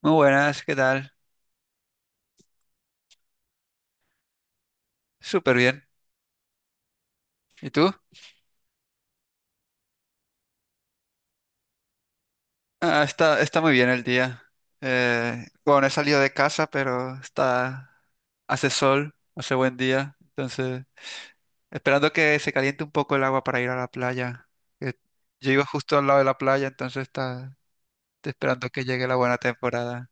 Muy buenas, ¿qué tal? Súper bien. ¿Y tú? Ah, está muy bien el día. Bueno, he salido de casa, pero está, hace sol, hace buen día. Entonces, esperando que se caliente un poco el agua para ir a la playa. Que Yo vivo justo al lado de la playa, entonces está, estoy esperando que llegue la buena temporada.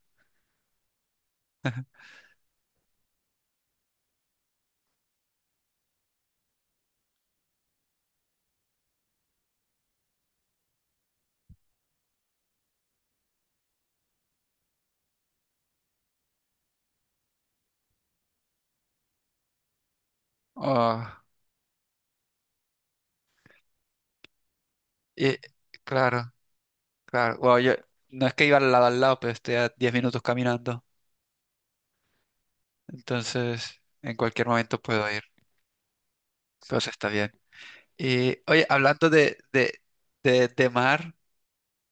Oh, y claro, claro. Bueno, yo no es que iba al lado, pero estoy a 10 minutos caminando. Entonces, en cualquier momento puedo ir. Entonces está bien. Y oye, hablando de mar,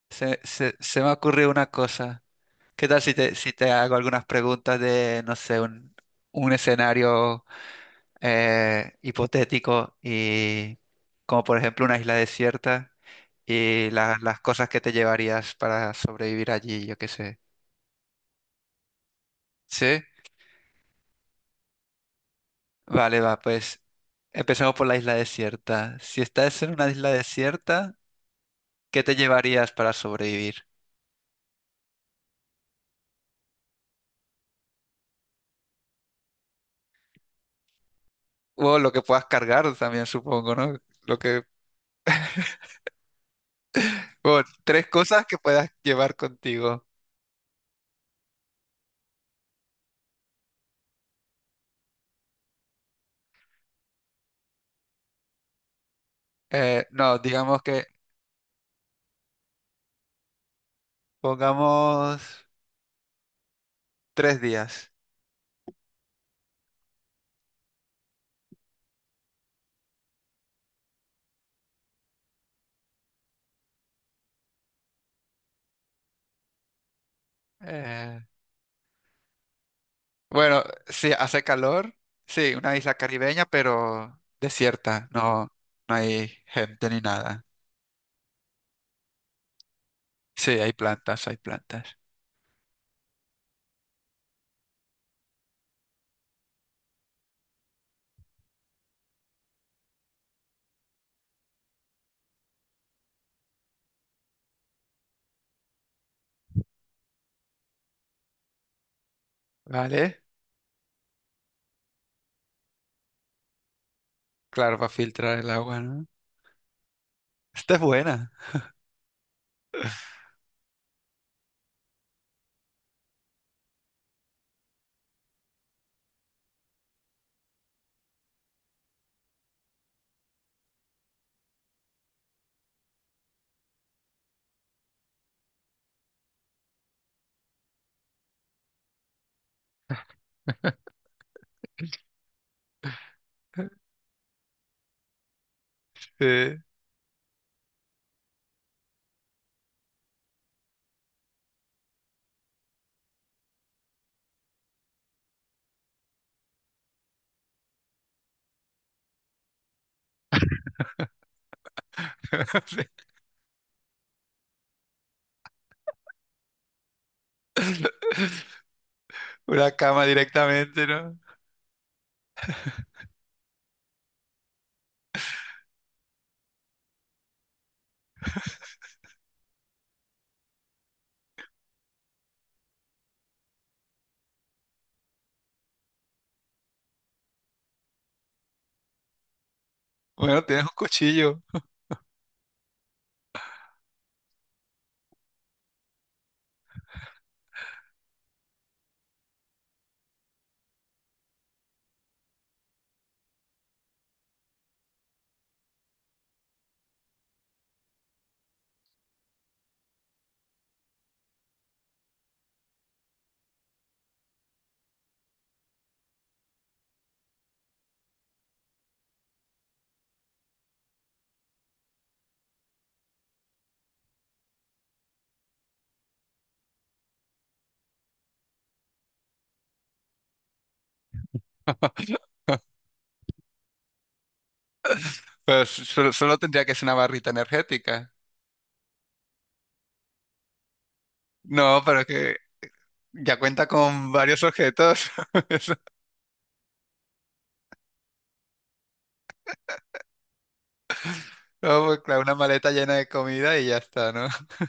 se me ocurrió una cosa. ¿Qué tal si te hago algunas preguntas de, no sé, un escenario hipotético y como por ejemplo una isla desierta y las cosas que te llevarías para sobrevivir allí, yo qué sé? ¿Sí? Vale, va, pues empecemos por la isla desierta. Si estás en una isla desierta, ¿qué te llevarías para sobrevivir? O lo que puedas cargar también, supongo, ¿no? Lo que, bueno, tres cosas que puedas llevar contigo. No, digamos que pongamos 3 días. Eh, bueno, sí, hace calor. Sí, una isla caribeña, pero desierta. No, no hay gente ni nada. Sí, hay plantas, hay plantas. ¿Vale? Claro, para filtrar el agua, ¿no? Esta es buena. Sí. Una cama directamente, ¿no? Bueno, tienes un cuchillo. Pero solo, solo tendría que ser una barrita energética. No, pero es que ya cuenta con varios objetos. Eso- no, pues, claro, una maleta llena de comida y ya está, ¿no?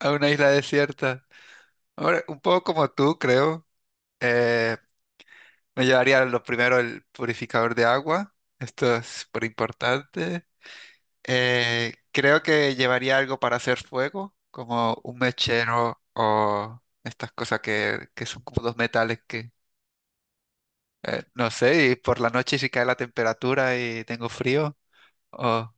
A una isla desierta. Ahora, un poco como tú, creo. Eh, me llevaría lo primero el purificador de agua. Esto es súper importante. Creo que llevaría algo para hacer fuego, como un mechero o estas cosas que son como dos metales que… no sé, y por la noche si cae la temperatura y tengo frío, o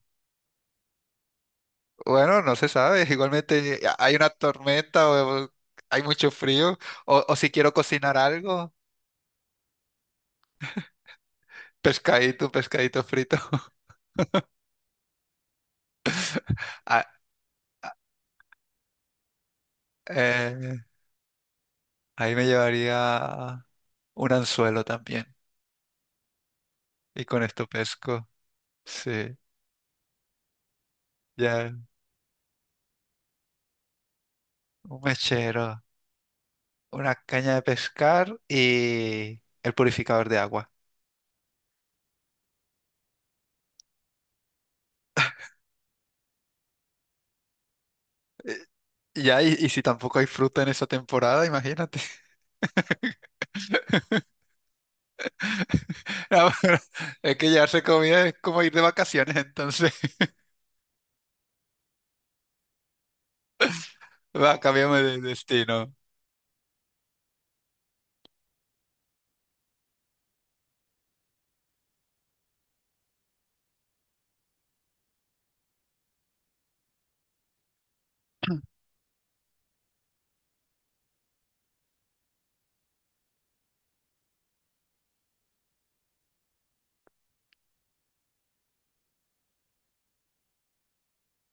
bueno, no se sabe, igualmente hay una tormenta o hay mucho frío, o si quiero cocinar algo, pescadito, pescadito frito. Ah, ah, eh, ahí me llevaría un anzuelo también, y con esto pesco, sí, ya, un mechero, una caña de pescar y el purificador de agua. Ya, y si tampoco hay fruta en esa temporada, imagínate. No, pero es que llevarse comida es como ir de vacaciones, entonces va, cambiamos de destino.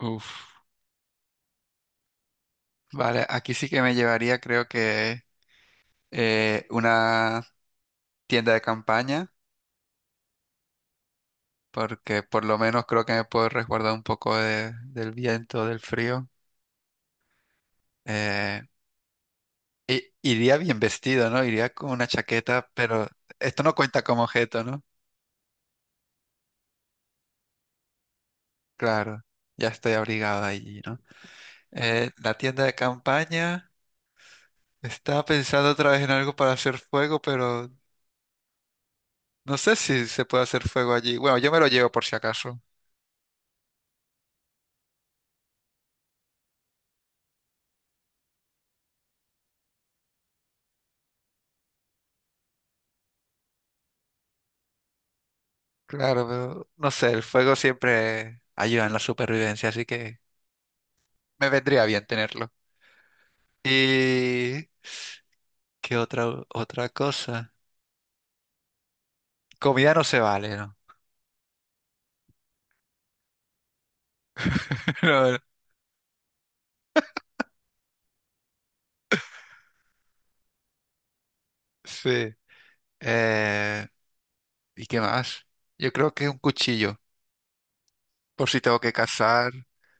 Uf, vale, aquí sí que me llevaría, creo que una tienda de campaña, porque por lo menos creo que me puedo resguardar un poco del viento, del frío. Eh, iría bien vestido, ¿no? Iría con una chaqueta, pero esto no cuenta como objeto, ¿no? Claro, ya estoy abrigado allí, ¿no? La tienda de campaña. Estaba pensando otra vez en algo para hacer fuego, pero no sé si se puede hacer fuego allí. Bueno, yo me lo llevo por si acaso. Claro, pero no sé, el fuego siempre ayuda en la supervivencia, así que me vendría bien tenerlo. ¿Y qué otra cosa? Comida no se vale, ¿no? No, no. Sí. Eh, ¿Y qué más? Yo creo que un cuchillo, por si tengo que cazar,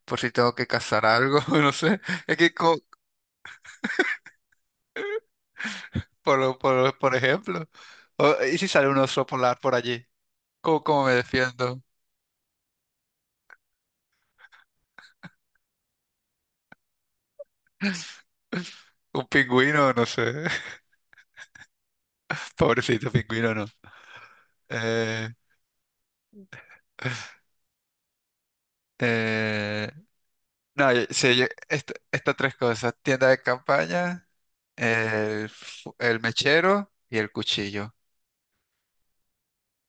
por si tengo que cazar algo, no sé. Es que por ejemplo. ¿Y si sale un oso polar por allí? ¿Cómo, cómo me defiendo? ¿Un pingüino? No sé. Pobrecito pingüino, no. Eh, eh, no, sí, estas tres cosas. Tienda de campaña, el mechero y el cuchillo.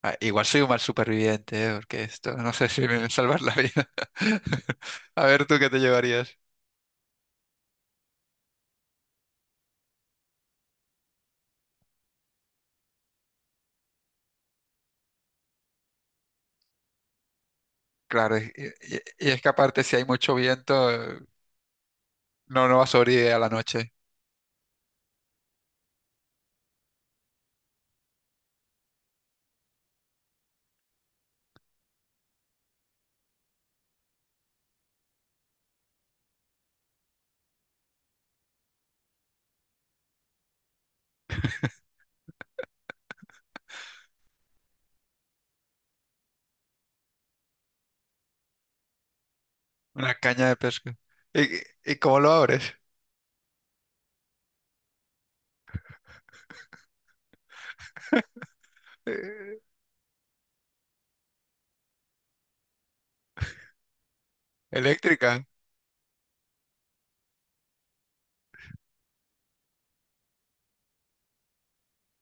Ah, igual soy un mal superviviente, porque esto no sé si me va a salvar la vida. A ver, ¿tú qué te llevarías? Claro, y es que aparte si hay mucho viento, no, no va a sobrevivir a la noche. Una caña de pesca. ¿Y, y cómo lo abres? Eh, Eléctrica.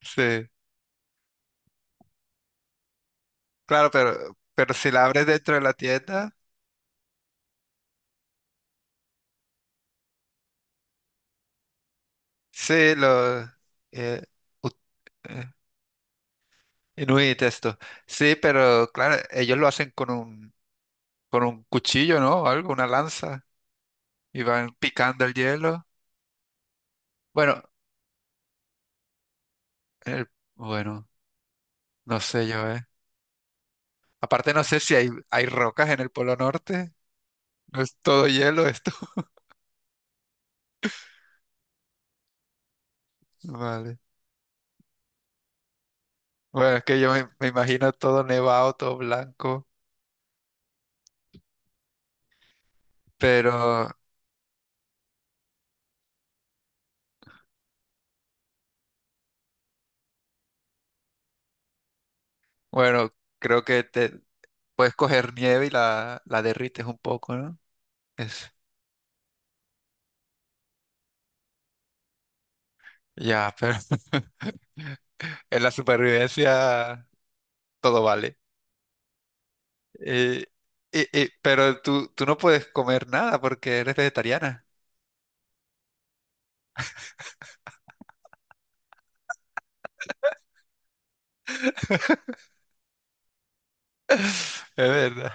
Sí. Claro, pero si la abres dentro de la tienda, sí, los eh, ut- eh, Inuit esto. Sí, pero claro, ellos lo hacen con un cuchillo, ¿no? O algo, una lanza. Y van picando el hielo. Bueno, el- bueno, no sé yo, ¿eh? Aparte no sé si hay, hay rocas en el Polo Norte. No es todo hielo esto. Vale. Bueno, es que yo me imagino todo nevado, todo blanco, pero bueno, creo que te puedes coger nieve y la derrites un poco, ¿no? Es, ya, pero en la supervivencia todo vale. Eh, pero tú, tú no puedes comer nada porque eres vegetariana. Es verdad.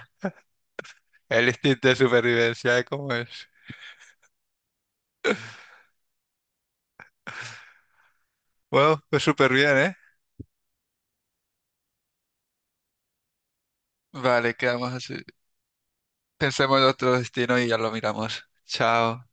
El instinto de supervivencia es como es. Bueno, pues súper bien, ¿eh? Vale, quedamos así. Pensemos en otro destino y ya lo miramos. Chao.